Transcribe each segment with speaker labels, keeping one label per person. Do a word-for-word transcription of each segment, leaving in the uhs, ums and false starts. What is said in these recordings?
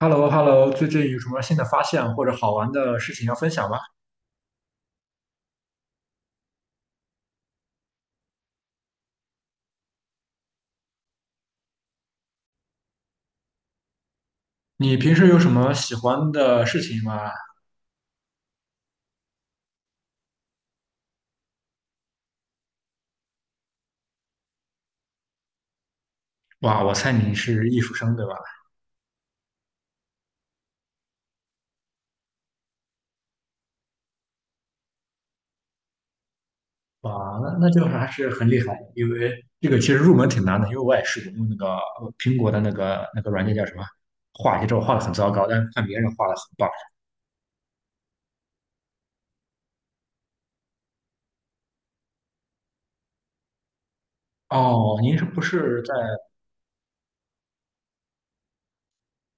Speaker 1: h e l l o h e l l o 最近有什么新的发现或者好玩的事情要分享吗？你平时有什么喜欢的事情吗？哇，我猜你是艺术生对吧？哇，那那就还是很厉害，因为这个其实入门挺难的，因为我也试过用那个呃苹果的那个那个软件叫什么，画一些之后画的很糟糕，但是看别人画的很棒。哦，您是不是在？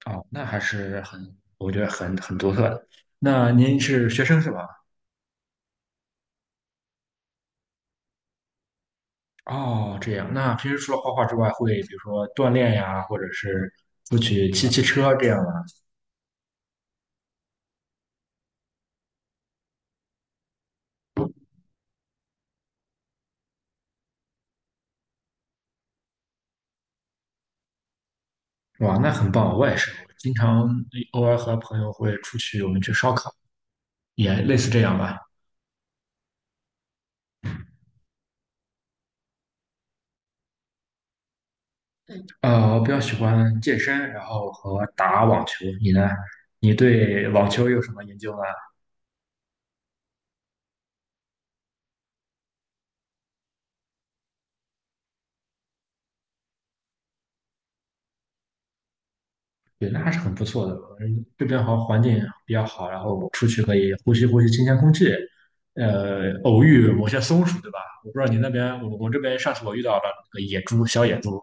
Speaker 1: 哦？那还是很，我觉得很很独特的。那您是学生是吧？哦，这样。那平时除了画画之外，会比如说锻炼呀，或者是出去骑骑车这样吗？哇，那很棒。我也是，我经常偶尔和朋友会出去，我们去烧烤，也类似这样吧。呃，我比较喜欢健身，然后和打网球。你呢？你对网球有什么研究吗？对，那还是很不错的。嗯，这边好像环境比较好，然后出去可以呼吸呼吸新鲜空气，呃，偶遇某些松鼠，对吧？我不知道你那边，我我这边上次我遇到了那个野猪，小野猪。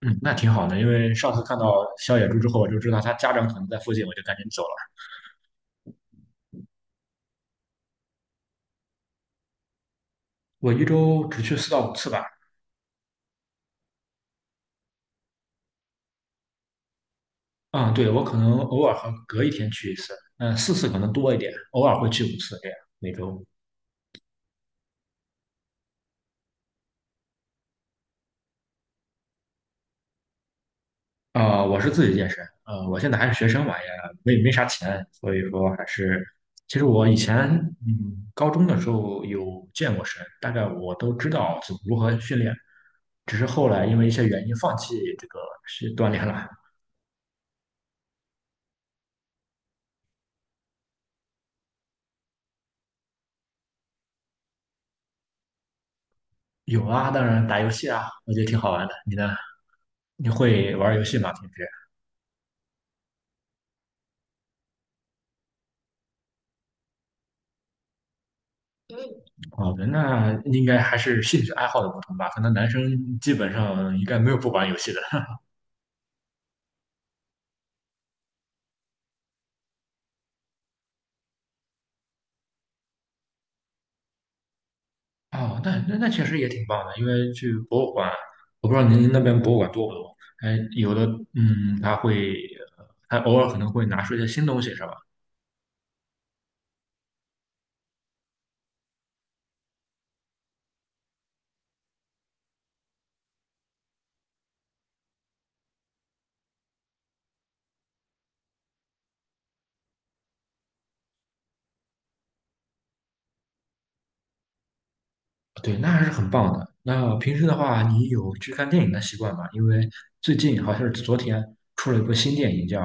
Speaker 1: 嗯，那挺好的。因为上次看到小野猪之后，我就知道它家长可能在附近，我就赶紧走了。我一周只去四到五次吧。嗯，对，我可能偶尔和隔一天去一次，嗯，四次可能多一点，偶尔会去五次这样每周。呃，我是自己健身。呃，我现在还是学生嘛，也没没啥钱，所以说还是，其实我以前嗯高中的时候有健过身，大概我都知道怎么如何训练，只是后来因为一些原因放弃这个是锻炼了。有啊，当然打游戏啊，我觉得挺好玩的。你呢？你会玩游戏吗？平时？好的，那应该还是兴趣爱好的不同吧。可能男生基本上应该没有不玩游戏的。哦，那那那确实也挺棒的，因为去博物馆，我不知道您那边博物馆多不多？哎，有的，嗯，他会，呃他偶尔可能会拿出一些新东西，是吧？对，那还是很棒的。那平时的话，你有去看电影的习惯吗？因为最近好像是昨天出了一部新电影叫，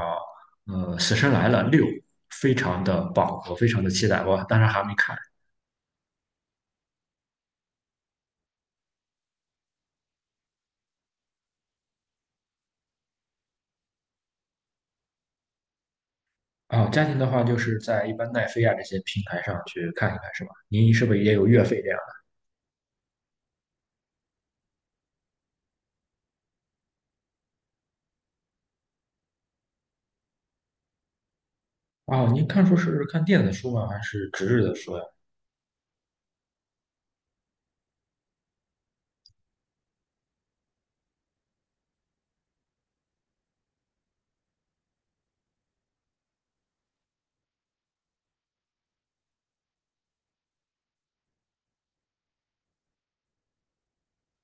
Speaker 1: 呃，《死神来了六》，非常的棒，我非常的期待，我当然还没看。啊、家庭的话就是在一般奈飞啊这些平台上去看一看，是吧？您是不是也有月费这样？哦，您看书是看电子书吗？还是纸质的书呀？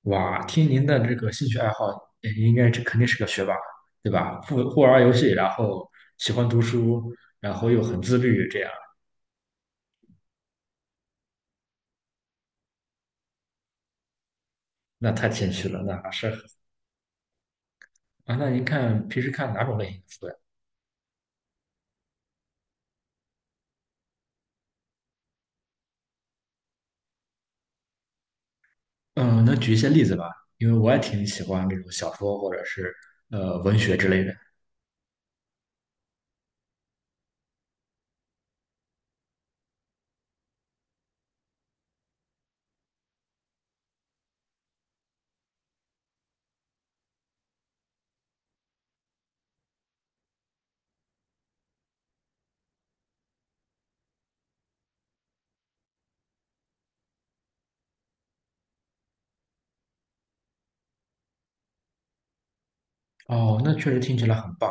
Speaker 1: 哇，听您的这个兴趣爱好，呃应该这肯定是个学霸，对吧？不不玩游戏，然后喜欢读书，然后又很自律，这样那太谦虚了，那还是啊。那您看平时看哪种类型的书呀？嗯，能举一些例子吧？因为我也挺喜欢这种小说或者是呃文学之类的。哦，那确实听起来很棒。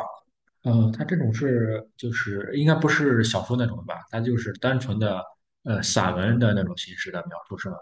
Speaker 1: 呃，它这种是就是应该不是小说那种吧？它就是单纯的呃散文的那种形式的描述，是吗？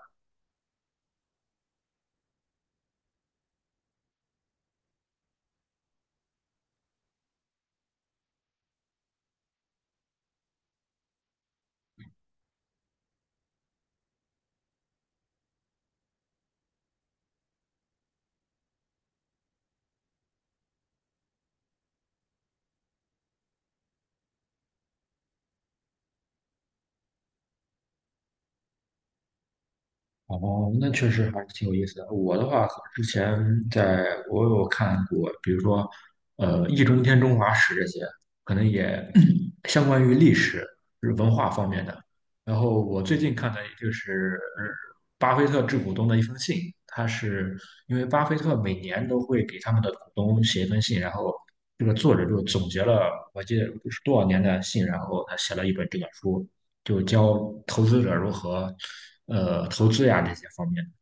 Speaker 1: 哦，那确实还是挺有意思的。我的话，之前在我有看过，比如说，呃，《易中天中华史》这些，可能也嗯 相关于历史、就是文化方面的。然后我最近看的就是呃巴菲特致股东的一封信。他是因为巴菲特每年都会给他们的股东写一封信，然后这个作者就总结了我记得不是多少年的信，然后他写了一本这本书。就教投资者如何呃投资呀这些方面。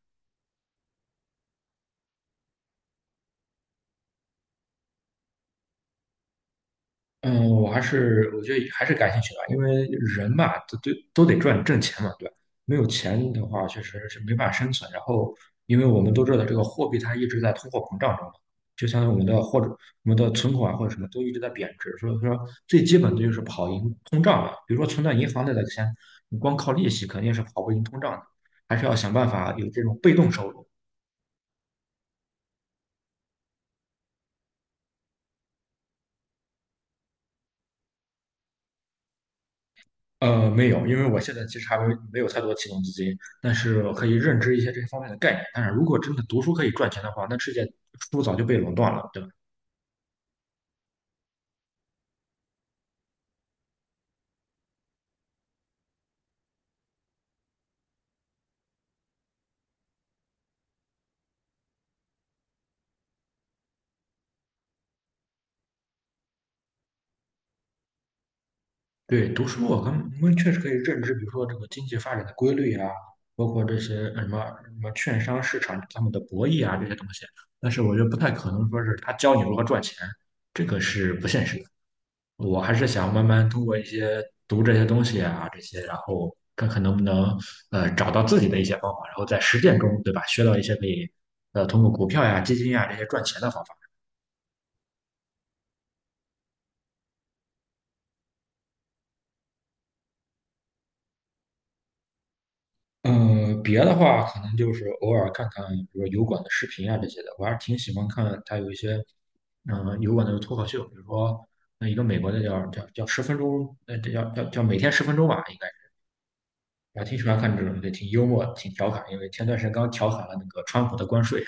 Speaker 1: 嗯，我还是我觉得还是感兴趣的，因为人嘛，都都都得赚挣钱嘛，对吧？没有钱的话，确实是没办法生存。然后，因为我们都知道这个货币它一直在通货膨胀中嘛，就像我们的或者我们的存款或者什么都一直在贬值，所以说最基本的就是跑赢通胀了。比如说存到银行里的钱，你光靠利息肯定是跑不赢通胀的，还是要想办法有这种被动收入。呃，没有，因为我现在其实还没没有太多启动资金，但是我可以认知一些这方面的概念。但是如果真的读书可以赚钱的话，那世界书早就被垄断了，对吧？对，读书我跟我们确实可以认知，比如说这个经济发展的规律啊，包括这些呃什么什么券商市场他们的博弈啊这些东西。但是我觉得不太可能说是他教你如何赚钱，这个是不现实的。我还是想慢慢通过一些读这些东西啊，这些，然后看看能不能呃找到自己的一些方法，然后在实践中，对吧，学到一些可以呃通过股票呀、基金呀这些赚钱的方法。嗯，别的话可能就是偶尔看看，比如说油管的视频啊这些的，我还是挺喜欢看他有一些嗯油管的脱口秀，比如说那一个美国的叫叫叫十分钟，呃，这叫叫叫每天十分钟吧，应该。是。我还挺喜欢看这种，对，挺幽默，挺调侃，因为前段时间刚调侃了那个川普的关税。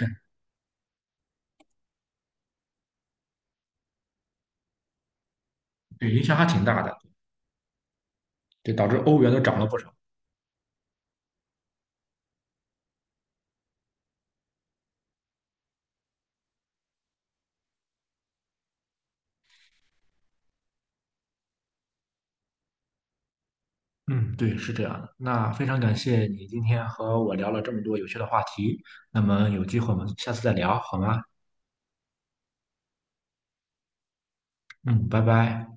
Speaker 1: 对，影响还挺大的，对，导致欧元都涨了不少。嗯，对，是这样的。那非常感谢你今天和我聊了这么多有趣的话题。那么有机会我们下次再聊，好吗？嗯，拜拜。